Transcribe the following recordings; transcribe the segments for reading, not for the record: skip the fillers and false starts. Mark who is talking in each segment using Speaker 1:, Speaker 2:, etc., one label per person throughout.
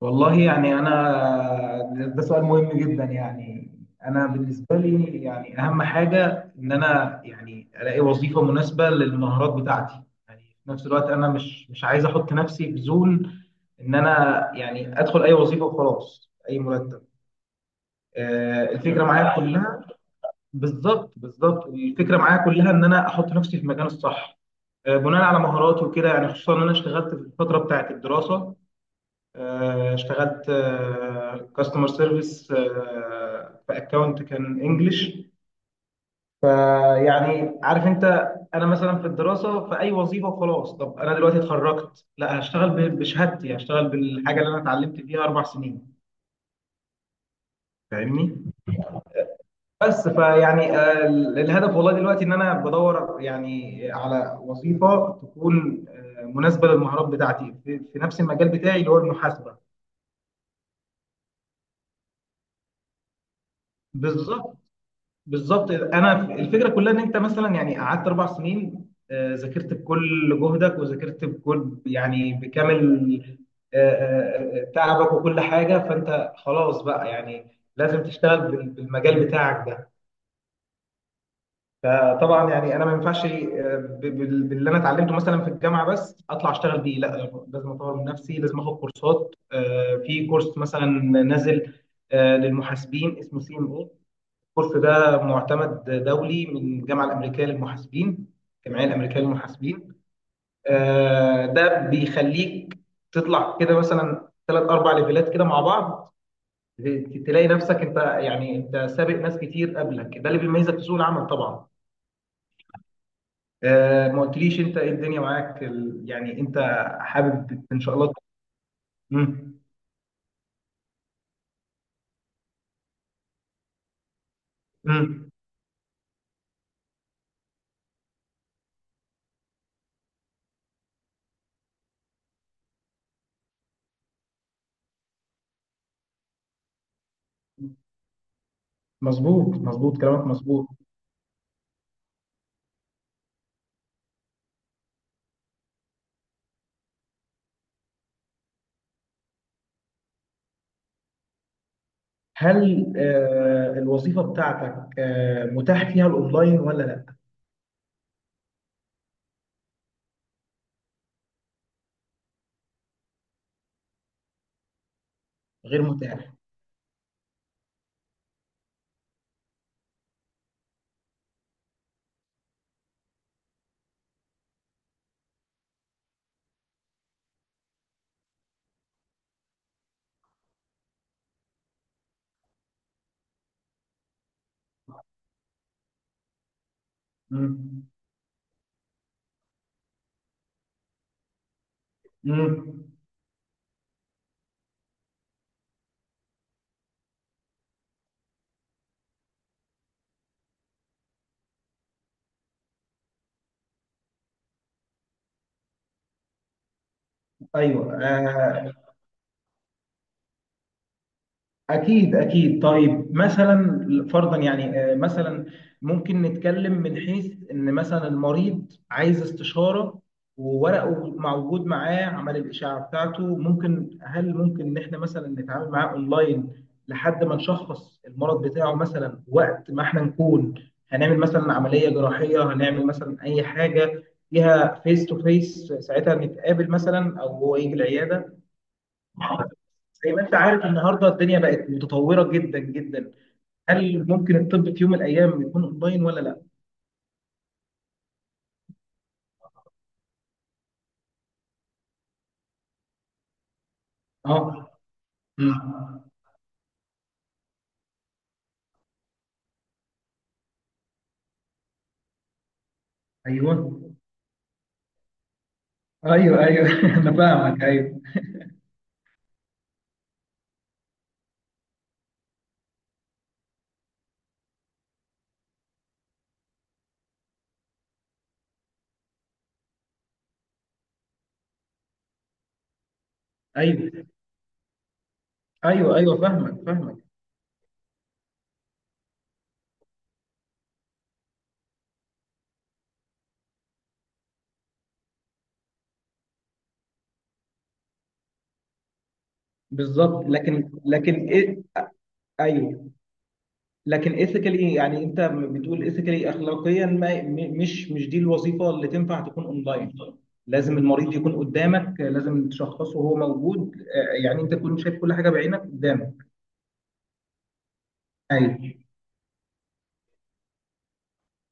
Speaker 1: والله يعني انا، ده سؤال مهم جدا. يعني انا بالنسبه لي يعني اهم حاجه ان انا يعني الاقي وظيفه مناسبه للمهارات بتاعتي. يعني في نفس الوقت انا مش عايز احط نفسي في زون ان انا يعني ادخل اي وظيفه وخلاص اي مرتب. الفكره معايا كلها. بالظبط بالظبط، الفكره معايا كلها ان انا احط نفسي في المكان الصح، بناء على مهاراتي وكده. يعني خصوصا ان انا اشتغلت في الفتره بتاعت الدراسه، اشتغلت كاستمر سيرفيس في اكونت كان انجلش. يعني عارف انت، انا مثلا في الدراسه في اي وظيفه وخلاص. طب انا دلوقتي اتخرجت، لا، هشتغل بشهادتي، هشتغل بالحاجه اللي انا اتعلمت فيها اربع سنين. فاهمني؟ بس فيعني الهدف والله دلوقتي ان انا بدور يعني على وظيفه تكون مناسبه للمهارات بتاعتي في في نفس المجال بتاعي اللي هو المحاسبه. بالظبط بالظبط، انا الفكره كلها ان انت مثلا يعني قعدت اربع سنين، ذاكرت بكل جهدك وذاكرت بكل يعني بكامل تعبك وكل حاجه. فانت خلاص بقى يعني لازم تشتغل بالمجال بتاعك ده. فطبعا يعني انا ما ينفعش باللي انا اتعلمته مثلا في الجامعه بس اطلع اشتغل بيه، لا، لازم اطور من نفسي، لازم اخد كورسات. في كورس مثلا نازل للمحاسبين اسمه سي ام. الكورس ده معتمد دولي من الجامعة الأمريكية للمحاسبين، الجمعية الأمريكية للمحاسبين. ده بيخليك تطلع كده مثلا ثلاث أربع ليفلات كده مع بعض. تلاقي نفسك أنت يعني أنت سابق ناس كتير قبلك، ده اللي بيميزك في سوق العمل طبعا. ما قلتليش أنت إيه الدنيا معاك؟ يعني أنت حابب إن شاء الله؟ مم. مم. مظبوط مظبوط، كلامك مظبوط. هل الوظيفة بتاعتك متاح فيها الأونلاين ولا لا؟ غير متاح. مم. مم. ايوه. اكيد اكيد. طيب مثلا فرضا يعني مثلا ممكن نتكلم من حيث ان مثلا المريض عايز استشاره وورقه موجود معاه عمل الاشعه بتاعته، ممكن، هل ممكن ان احنا مثلا نتعامل معاه اونلاين لحد ما نشخص المرض بتاعه مثلا؟ وقت ما احنا نكون هنعمل مثلا عمليه جراحيه، هنعمل مثلا اي حاجه فيها فيس تو فيس، ساعتها نتقابل مثلا او هو يجي العياده. زي ما انت عارف، النهارده الدنيا بقت متطوره جدا جدا. هل ممكن الطب في يوم من الايام يكون اونلاين ولا لا؟ اه. مم. ايوه ايوه ايوه، انا فاهمك. ايوه ايوه ايوه ايوه، فاهمك فاهمك. بالظبط. لكن لكن إيه؟ ايوه. لكن ايثيكالي، يعني انت بتقول ايثيكالي اخلاقيا، ما م- مش مش دي الوظيفه اللي تنفع تكون اونلاين. لازم المريض يكون قدامك، لازم تشخصه وهو موجود، يعني انت تكون شايف كل حاجه بعينك قدامك. ايوه.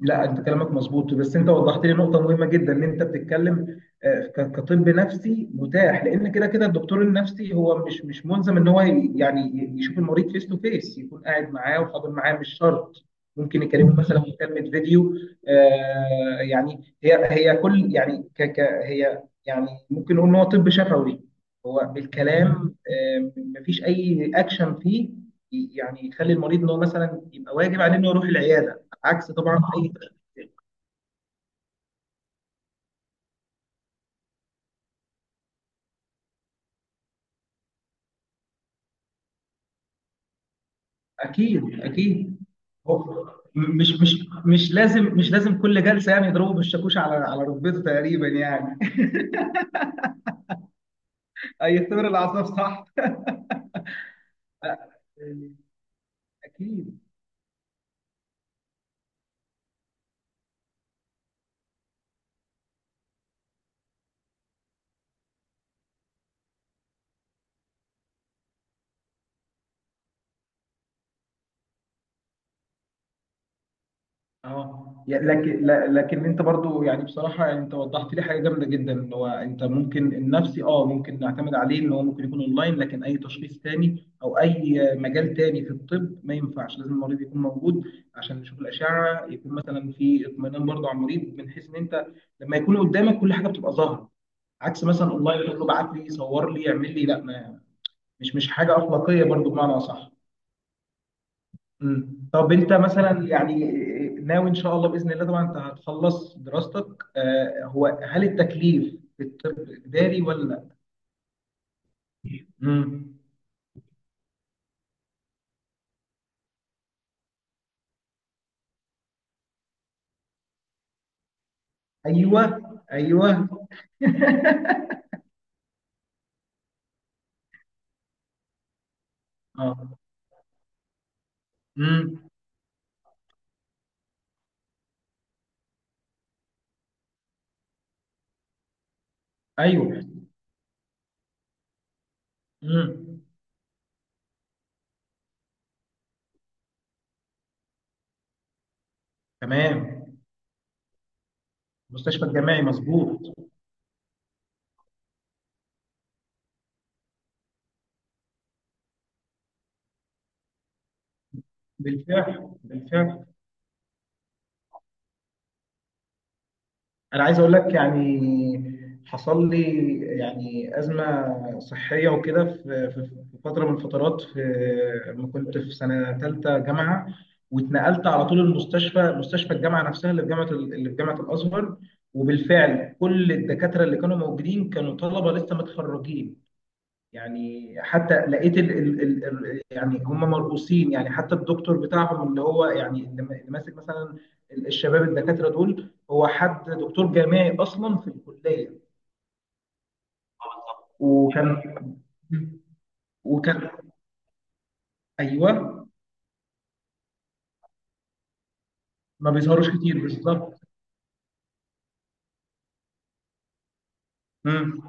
Speaker 1: لا، انت كلامك مظبوط، بس انت وضحت لي نقطه مهمه جدا ان انت بتتكلم كطب نفسي متاح، لان كده كده الدكتور النفسي هو مش ملزم ان هو يشوف المريض فيس تو فيس، يكون قاعد معاه وحاضر معاه، مش شرط. ممكن يكلمه مثلا مكالمه فيديو. يعني هي هي كل يعني ك ك هي يعني ممكن نقول ان هو طب شفوي، هو بالكلام، مفيش اي اكشن فيه يعني يخلي المريض ان هو مثلا يبقى واجب عليه انه يروح العياده. عكس طبعا اي تأشيرة تاني. اكيد اكيد. هو م- مش مش مش لازم كل جلسه يعني يضربوا بالشاكوش على على ركبته تقريبا يعني. هيختبر الاعصاب، صح. أ- اكيد. اه. يعني لكن لكن انت برضو يعني بصراحه، يعني انت وضحت لي حاجه جامده جدا، اللي هو انت ممكن النفسي اه ممكن نعتمد عليه ان هو ممكن يكون اونلاين، لكن اي تشخيص تاني او اي مجال تاني في الطب ما ينفعش، لازم المريض يكون موجود عشان نشوف الاشعه، يكون مثلا في اطمئنان برضو على المريض، من حيث ان انت لما يكون قدامك كل حاجه بتبقى ظاهره، عكس مثلا اونلاين تقول له ابعت لي صور، لي اعمل لي، لا ما مش حاجه اخلاقيه برضو بمعنى اصح. مم. طب انت مثلا يعني ناوي ان شاء الله باذن الله طبعا انت هتخلص دراستك. آه، هو هل التكليف بالطب اجباري ولا؟ امم. ايوه. ايوه. اه. امم. ايوه. امم. تمام. مستشفى الجامعي، مظبوط. بالفعل بالفعل. انا عايز اقول لك يعني حصل لي يعني ازمه صحيه وكده في في في فتره من الفترات، في لما كنت في سنه ثالثه جامعه واتنقلت على طول المستشفى، مستشفى الجامعه نفسها اللي في جامعه اللي في جامعه الازهر. وبالفعل كل الدكاتره اللي كانوا موجودين كانوا طلبه لسه متخرجين. يعني حتى لقيت يعني هم مرؤوسين، يعني حتى الدكتور بتاعهم اللي هو يعني اللي ماسك مثلا الشباب الدكاترة دول، هو حد دكتور جامعي أصلا في الكلية؟ وكان، وكان، ايوه، ما بيظهروش كتير بالظبط. مم.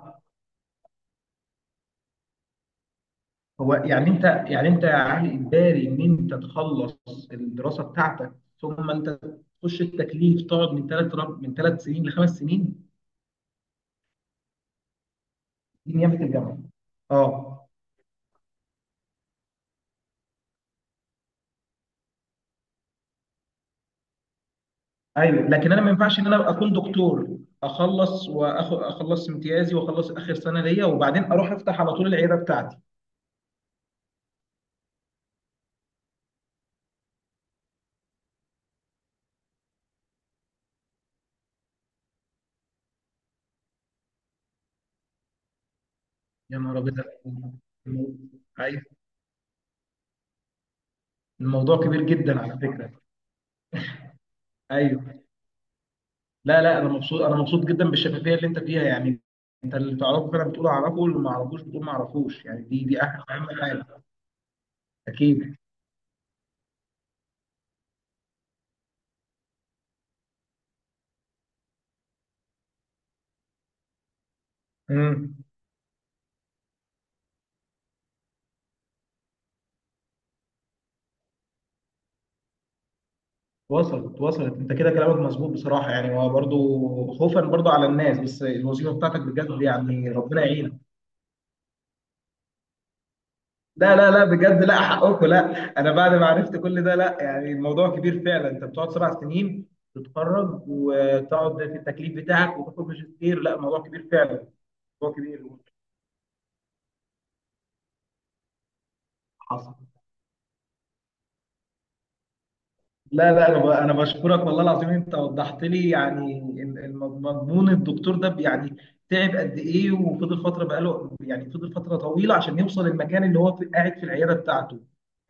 Speaker 1: هو يعني انت يعني انت يا علي، إجباري ان انت تخلص الدراسة بتاعتك ثم انت تخش التكليف تقعد من ثلاث من ثلاث سنين لخمس سنين؟ دي نيابة الجامعة. اه. ايوه. لكن انا ما ينفعش ان انا اكون دكتور اخلص واخد اخلص امتيازي واخلص اخر سنه ليا وبعدين اروح افتح على طول العياده بتاعتي؟ يا نهار ابيض. ايوه. الموضوع كبير جدا على فكره. ايوه. لا لا، انا مبسوط، انا مبسوط جدا بالشفافيه اللي انت فيها يعني. انت اللي تعرفه فعلا بتقول اعرفه، واللي ما اعرفوش بتقول ما اعرفوش، يعني دي دي اهم اهم حاجه. اكيد. امم. وصلت وصلت، انت كده كلامك مظبوط بصراحه. يعني هو برضو خوفا برضو على الناس، بس الوظيفه بتاعتك بجد يعني ربنا يعينك. لا لا لا، بجد، لا حقكم، لا. انا بعد ما عرفت كل ده، لا يعني الموضوع كبير فعلا، انت بتقعد سبع سنين تتخرج وتقعد في التكليف بتاعك وتاخد ماجستير، لا، الموضوع كبير فعلا. موضوع كبير. حصل. لا لا، انا انا بشكرك والله العظيم، انت وضحت لي يعني مضمون الدكتور ده يعني تعب قد ايه وفضل فتره، بقاله يعني فضل فتره طويله عشان يوصل المكان اللي هو قاعد في العياده بتاعته،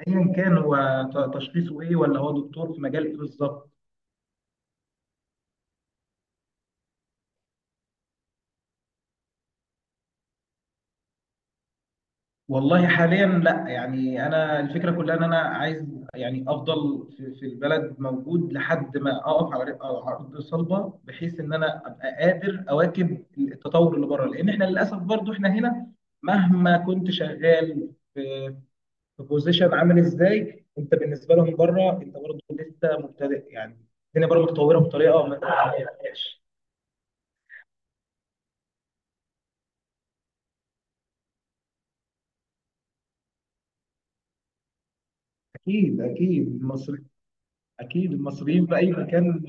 Speaker 1: ايا كان هو تشخيصه ايه ولا هو دكتور في مجال ايه بالظبط. والله حاليا لا. يعني انا الفكره كلها ان انا عايز يعني افضل في, في البلد موجود لحد ما اقف على على ارض صلبه بحيث ان انا ابقى قادر اواكب التطور اللي بره، لان احنا للاسف برضو احنا هنا مهما كنت شغال في في بوزيشن عامل ازاي، انت بالنسبه لهم بره انت برضو لسه مبتدئ يعني. الدنيا بره متطوره بطريقه ما تتخيلهاش. اكيد اكيد، المصري اكيد، المصريين في اي مكان.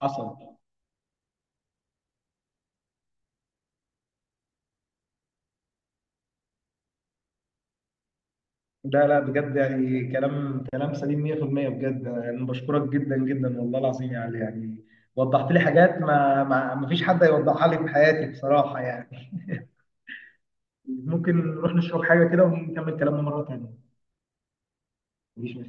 Speaker 1: حصل. لا لا، بجد يعني كلام كلام سليم 100%، بجد يعني بشكرك جدا جدا والله العظيم، يعني يعني وضحت لي حاجات ما ما ما فيش حد هيوضحها لي في حياتي بصراحة يعني. ممكن نروح نشرب حاجة كده ونكمل كلامنا مرة تانية؟ مفيش